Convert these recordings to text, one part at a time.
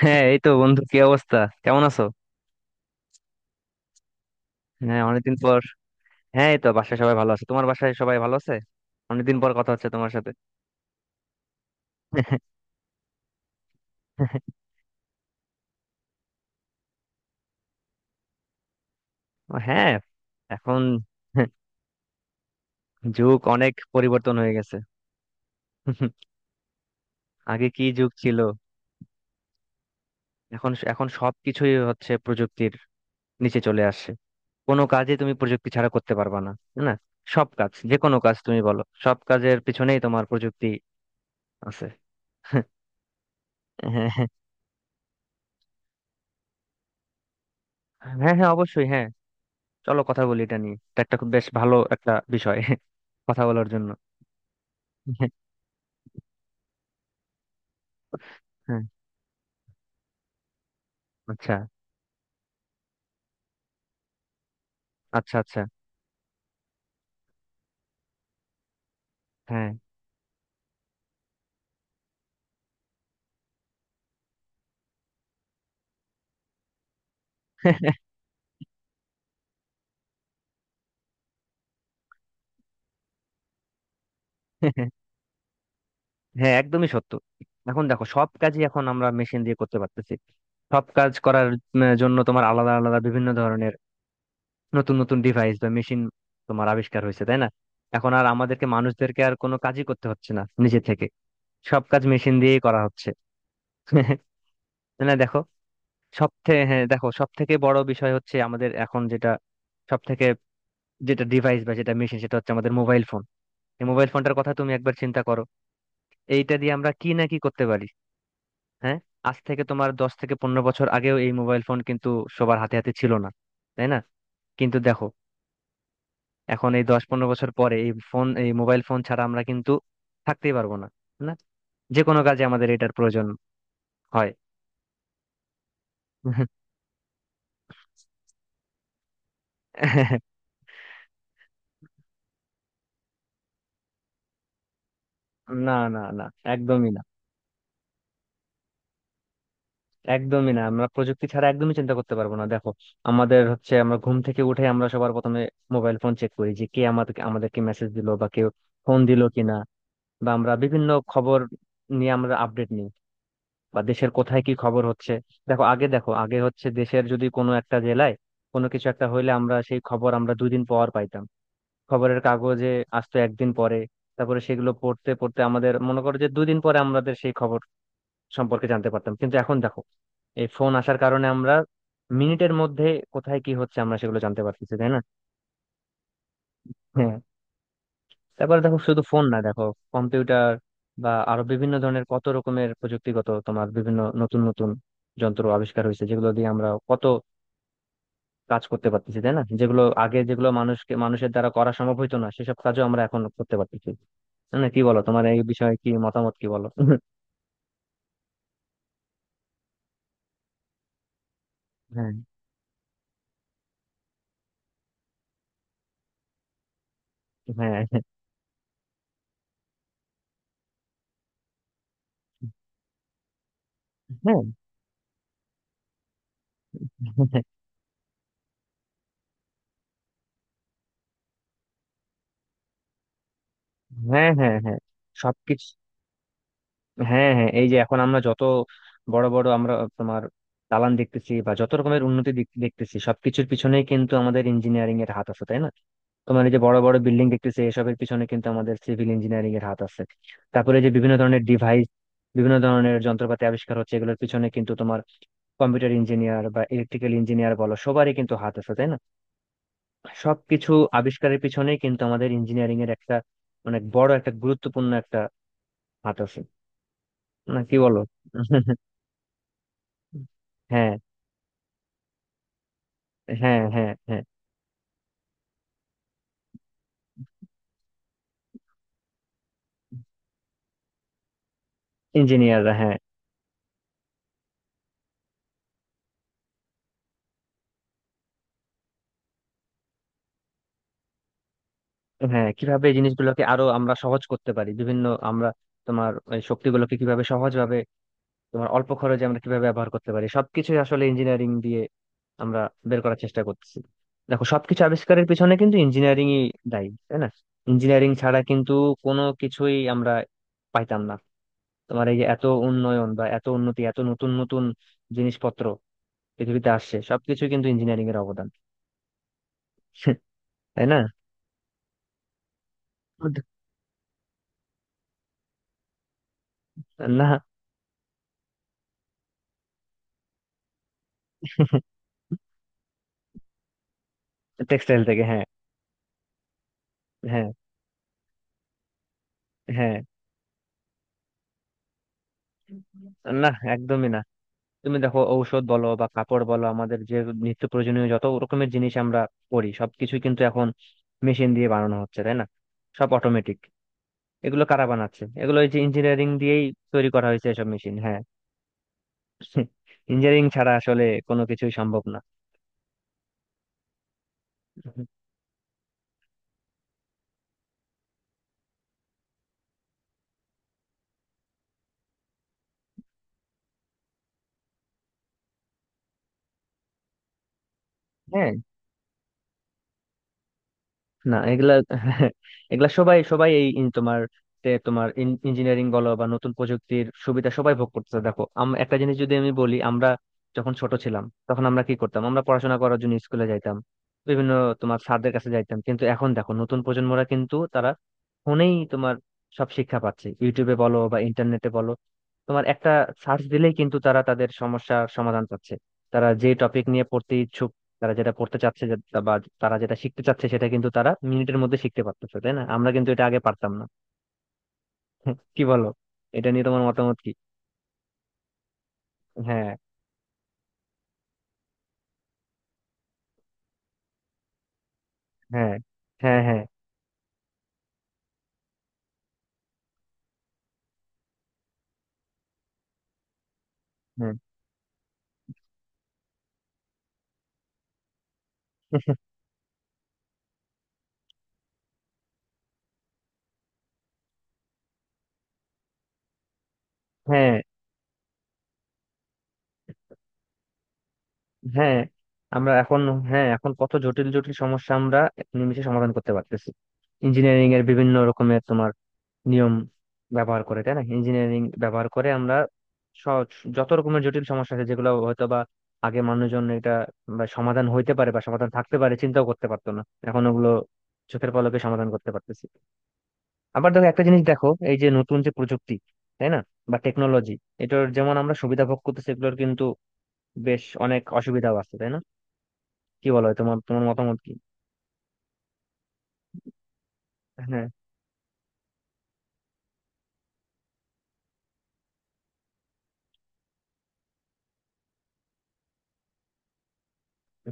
হ্যাঁ, এই তো বন্ধু। কি অবস্থা? কেমন আছো? হ্যাঁ, অনেকদিন পর। হ্যাঁ, এই তো বাসায় সবাই ভালো আছে। তোমার বাসায় সবাই ভালো আছে? অনেকদিন পর কথা হচ্ছে তোমার সাথে। হ্যাঁ। এখন যুগ অনেক পরিবর্তন হয়ে গেছে। আগে কি যুগ ছিল। এখন এখন সবকিছুই হচ্ছে প্রযুক্তির নিচে চলে আসছে। কোনো কাজে তুমি প্রযুক্তি ছাড়া করতে পারবে না, তাই না? সব কাজ, যে কোনো কাজ তুমি বলো, সব কাজের পিছনেই তোমার প্রযুক্তি আছে। হ্যাঁ। হ্যাঁ হ্যাঁ অবশ্যই, হ্যাঁ। চলো কথা বলি এটা নিয়ে। এটা একটা খুব বেশ ভালো একটা বিষয় কথা বলার জন্য। হ্যাঁ। আচ্ছা আচ্ছা আচ্ছা। হ্যাঁ। হ্যাঁ, একদমই সত্য। এখন দেখো সব কাজই এখন আমরা মেশিন দিয়ে করতে পারতেছি। সব কাজ করার জন্য তোমার আলাদা আলাদা বিভিন্ন ধরনের নতুন নতুন ডিভাইস বা মেশিন তোমার আবিষ্কার হয়েছে, তাই না? এখন আর আমাদেরকে মানুষদেরকে আর কোনো কাজই করতে হচ্ছে না নিজে থেকে। সব কাজ মেশিন দিয়েই করা হচ্ছে। তাই না, দেখো। সব থেকে, হ্যাঁ দেখো, সব থেকে বড় বিষয় হচ্ছে আমাদের এখন যেটা সব থেকে যেটা ডিভাইস বা যেটা মেশিন, সেটা হচ্ছে আমাদের মোবাইল ফোন। এই মোবাইল ফোনটার কথা তুমি একবার চিন্তা করো। এইটা দিয়ে আমরা কি না কি করতে পারি। হ্যাঁ। আজ থেকে তোমার 10 থেকে 15 বছর আগেও এই মোবাইল ফোন কিন্তু সবার হাতে হাতে ছিল না, তাই না? কিন্তু দেখো, এখন এই 10-15 বছর পরে এই ফোন, এই মোবাইল ফোন ছাড়া আমরা কিন্তু থাকতেই পারবো না। না। যে কোনো কাজে আমাদের এটার প্রয়োজন হয়। না না না। একদমই না। একদমই না, আমরা প্রযুক্তি ছাড়া একদমই চিন্তা করতে পারবো না। দেখো, আমাদের হচ্ছে আমরা ঘুম থেকে উঠে আমরা সবার প্রথমে মোবাইল ফোন চেক করি যে কে আমাদেরকে আমাদেরকে মেসেজ দিলো বা কেউ ফোন দিলো কিনা, বা আমরা বিভিন্ন খবর নিয়ে আমরা আপডেট নিই, বা দেশের কোথায় কি খবর হচ্ছে। দেখো আগে, দেখো আগে হচ্ছে দেশের যদি কোনো একটা জেলায় কোনো কিছু একটা হইলে আমরা সেই খবর আমরা 2 দিন পর পাইতাম। খবরের কাগজে আসতো একদিন পরে। তারপরে সেগুলো পড়তে পড়তে আমাদের মনে করো যে 2 দিন পরে আমাদের সেই খবর সম্পর্কে জানতে পারতাম। কিন্তু এখন দেখো, এই ফোন আসার কারণে আমরা মিনিটের মধ্যে কোথায় কি হচ্ছে আমরা সেগুলো জানতে পারতেছি, তাই না? হ্যাঁ। তারপরে দেখো, শুধু ফোন না দেখো, কম্পিউটার বা আরো বিভিন্ন ধরনের কত রকমের প্রযুক্তিগত তোমার বিভিন্ন নতুন নতুন যন্ত্র আবিষ্কার হয়েছে, যেগুলো দিয়ে আমরা কত কাজ করতে পারতেছি, তাই না? যেগুলো আগে, যেগুলো মানুষকে মানুষের দ্বারা করা সম্ভব হইতো না, সেসব কাজও আমরা এখন করতে পারতেছি। তাই না? কি বলো, তোমার এই বিষয়ে কি মতামত, কি বলো? হ্যাঁ হ্যাঁ হ্যাঁ হ্যাঁ হ্যাঁ হ্যাঁ। সবকিছু, হ্যাঁ হ্যাঁ। এই যে এখন আমরা যত বড় বড় আমরা তোমার দালান দেখতেছি বা যত রকমের উন্নতি দেখতেছি, সবকিছুর পিছনেই কিন্তু আমাদের ইঞ্জিনিয়ারিং এর হাত আছে, তাই না? তোমার এই যে বড় বড় বিল্ডিং দেখতেছে, এসবের পিছনে কিন্তু আমাদের সিভিল ইঞ্জিনিয়ারিং এর হাত আছে। তারপরে যে বিভিন্ন ধরনের ডিভাইস, বিভিন্ন ধরনের যন্ত্রপাতি আবিষ্কার হচ্ছে এগুলোর পিছনে কিন্তু তোমার কম্পিউটার ইঞ্জিনিয়ার বা ইলেকট্রিক্যাল ইঞ্জিনিয়ার বলো, সবারই কিন্তু হাত আছে, তাই না? সবকিছু আবিষ্কারের পিছনেই কিন্তু আমাদের ইঞ্জিনিয়ারিং এর একটা অনেক বড় একটা গুরুত্বপূর্ণ একটা হাত আছে। না কি বলো? হ্যাঁ হ্যাঁ হ্যাঁ হ্যাঁ। ইঞ্জিনিয়াররা, হ্যাঁ। হ্যাঁ, কিভাবে এই জিনিসগুলোকে আরো আমরা সহজ করতে পারি বিভিন্ন আমরা তোমার এই শক্তিগুলোকে কিভাবে সহজভাবে তোমার অল্প খরচে আমরা কিভাবে ব্যবহার করতে পারি, সবকিছু আসলে ইঞ্জিনিয়ারিং দিয়ে আমরা বের করার চেষ্টা করতেছি। দেখো সবকিছু আবিষ্কারের পিছনে কিন্তু ইঞ্জিনিয়ারিংই দায়ী, তাই না? ইঞ্জিনিয়ারিং ছাড়া কিন্তু কোনো কিছুই আমরা পাইতাম না। তোমার এই যে এত উন্নয়ন বা এত উন্নতি, এত নতুন নতুন জিনিসপত্র পৃথিবীতে আসছে সবকিছু কিন্তু ইঞ্জিনিয়ারিং এর অবদান, তাই না? না। টেক্সটাইল থেকে, হ্যাঁ। হ্যাঁ হ্যাঁ। না, একদমই না। তুমি দেখো, ঔষধ বলো বা কাপড় বলো, আমাদের যে নিত্য প্রয়োজনীয় যত রকমের জিনিস আমরা করি সবকিছু কিন্তু এখন মেশিন দিয়ে বানানো হচ্ছে, তাই না? সব অটোমেটিক। এগুলো কারা বানাচ্ছে এগুলো, এই যে ইঞ্জিনিয়ারিং দিয়েই তৈরি করা হয়েছে এসব মেশিন, হ্যাঁ। ইঞ্জিনিয়ারিং ছাড়া আসলে কোনো কিছুই সম্ভব না। হ্যাঁ। না এগুলা এগুলা সবাই সবাই এই ইন তোমার তে তোমার ইঞ্জিনিয়ারিং বলো বা নতুন প্রযুক্তির সুবিধা সবাই ভোগ করতেছে। দেখো, একটা জিনিস যদি আমি বলি, আমরা যখন ছোট ছিলাম তখন আমরা কি করতাম, আমরা পড়াশোনা করার জন্য স্কুলে যাইতাম বিভিন্ন তোমার স্যারদের কাছে যাইতাম। কিন্তু এখন দেখো, নতুন প্রজন্মরা কিন্তু তারা ফোনেই তোমার সব শিক্ষা পাচ্ছে, ইউটিউবে বলো বা ইন্টারনেটে বলো, তোমার একটা সার্চ দিলেই কিন্তু তারা তাদের সমস্যার সমাধান পাচ্ছে। তারা যে টপিক নিয়ে পড়তে ইচ্ছুক, তারা যেটা পড়তে চাচ্ছে বা তারা যেটা শিখতে চাচ্ছে সেটা কিন্তু তারা মিনিটের মধ্যে শিখতে পারতেছে, তাই না? আমরা কিন্তু এটা আগে পারতাম না। কি বলো, এটা নিয়ে তোমার মতামত কি? হ্যাঁ হ্যাঁ হ্যাঁ হ্যাঁ হ্যাঁ। হ্যাঁ হ্যাঁ। আমরা এখন, হ্যাঁ, এখন কত জটিল জটিল সমস্যা আমরা নিমেষে সমাধান করতে পারতেছি ইঞ্জিনিয়ারিং এর বিভিন্ন রকমের তোমার নিয়ম ব্যবহার করে, তাই না? ইঞ্জিনিয়ারিং ব্যবহার করে আমরা সহজ যত রকমের জটিল সমস্যা আছে যেগুলো হয়তো বা আগে মানুষজন এটা বা সমাধান হইতে পারে বা সমাধান থাকতে পারে চিন্তাও করতে পারতো না, এখন ওগুলো চোখের পলকে সমাধান করতে পারতেছি। আবার দেখো একটা জিনিস দেখো, এই যে নতুন যে প্রযুক্তি, তাই না, বা টেকনোলজি, এটার যেমন আমরা সুবিধা ভোগ করতেছি এগুলোর কিন্তু বেশ অনেক অসুবিধাও আছে, তাই না? কি বলো, তোমার তোমার মতামত কি? হ্যাঁ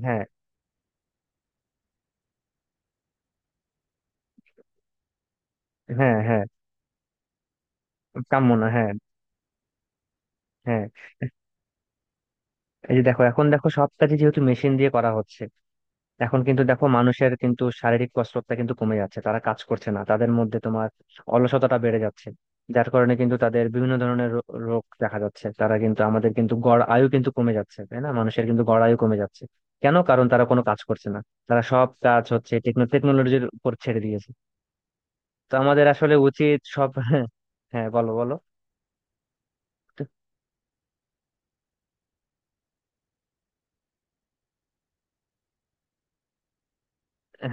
হ্যাঁ হ্যাঁ হ্যাঁ। কাম্য না, হ্যাঁ। হ্যাঁ, এই যে দেখো, এখন দেখো সব কাজে যেহেতু মেশিন দিয়ে করা হচ্ছে, এখন কিন্তু দেখো মানুষের কিন্তু শারীরিক কসরতটা কিন্তু কমে যাচ্ছে, তারা কাজ করছে না, তাদের মধ্যে তোমার অলসতাটা বেড়ে যাচ্ছে। যার কারণে কিন্তু তাদের বিভিন্ন ধরনের রোগ দেখা যাচ্ছে, তারা কিন্তু আমাদের কিন্তু গড় আয়ু কিন্তু কমে যাচ্ছে, তাই না? মানুষের কিন্তু গড় আয়ু কমে যাচ্ছে। কেন? কারণ তারা কোনো কাজ করছে না। তারা সব কাজ হচ্ছে টেকনোলজির উপর ছেড়ে দিয়েছে। তো আমাদের আসলে উচিত সব হ্যাঁ বলো বলো।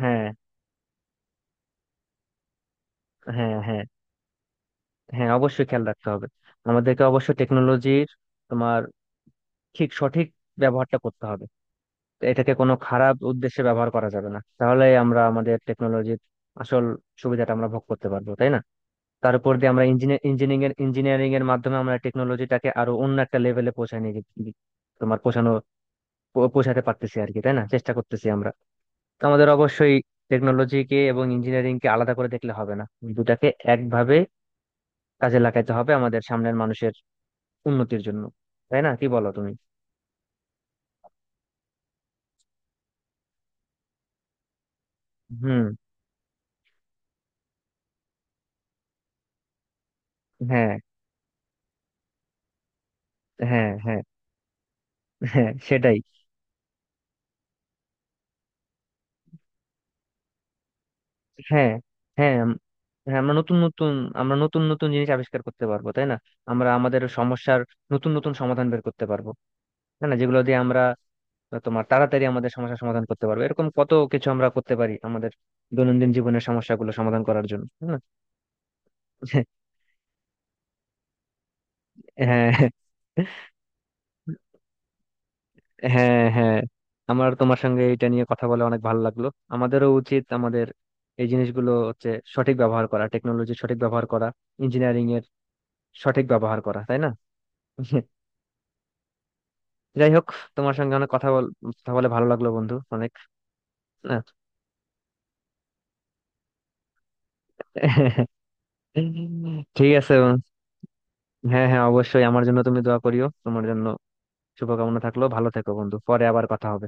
হ্যাঁ হ্যাঁ। হ্যাঁ, হ্যাঁ অবশ্যই খেয়াল রাখতে হবে। আমাদেরকে অবশ্যই টেকনোলজির তোমার ঠিক সঠিক ব্যবহারটা করতে হবে। এটাকে কোনো খারাপ উদ্দেশ্যে ব্যবহার করা যাবে না, তাহলে আমরা আমাদের টেকনোলজির আসল সুবিধাটা আমরা ভোগ করতে পারবো, তাই না? তার উপর দিয়ে আমরা ইঞ্জিনিয়ারিং এর মাধ্যমে আমরা টেকনোলজিটাকে আরো অন্য একটা লেভেলে পৌঁছায় নিয়ে গেছি- তোমার পৌঁছানো পৌঁছাতে পারতেছি আর কি, তাই না? চেষ্টা করতেছি আমরা। তো আমাদের অবশ্যই টেকনোলজিকে এবং ইঞ্জিনিয়ারিং কে আলাদা করে দেখলে হবে না, দুটাকে একভাবে কাজে লাগাতে হবে আমাদের সামনের মানুষের উন্নতির জন্য, তাই না? কি বলো তুমি? হুম। হ্যাঁ হ্যাঁ হ্যাঁ হ্যাঁ সেটাই। হ্যাঁ হ্যাঁ হ্যাঁ আমরা নতুন নতুন আমরা নতুন নতুন জিনিস আবিষ্কার করতে পারবো, তাই না? আমরা আমাদের সমস্যার নতুন নতুন সমাধান বের করতে পারবো, তাই না? যেগুলো দিয়ে আমরা তোমার তাড়াতাড়ি আমাদের সমস্যার সমাধান করতে পারবো, এরকম কত কিছু আমরা করতে পারি আমাদের দৈনন্দিন জীবনের সমস্যাগুলো সমাধান করার জন্য, তাই না? হ্যাঁ হ্যাঁ হ্যাঁ। আমার তোমার সঙ্গে এটা নিয়ে কথা বলে অনেক ভালো লাগলো। আমাদেরও উচিত আমাদের এই জিনিসগুলো হচ্ছে সঠিক ব্যবহার করা, টেকনোলজি সঠিক ব্যবহার করা, ইঞ্জিনিয়ারিং এর সঠিক ব্যবহার করা, তাই না? যাই হোক, তোমার সঙ্গে অনেক কথা কথা বলে ভালো লাগলো বন্ধু। অনেক আহ, ঠিক আছে। হ্যাঁ হ্যাঁ অবশ্যই, আমার জন্য তুমি দোয়া করিও। তোমার জন্য শুভকামনা থাকলো। ভালো থেকো বন্ধু, পরে আবার কথা হবে।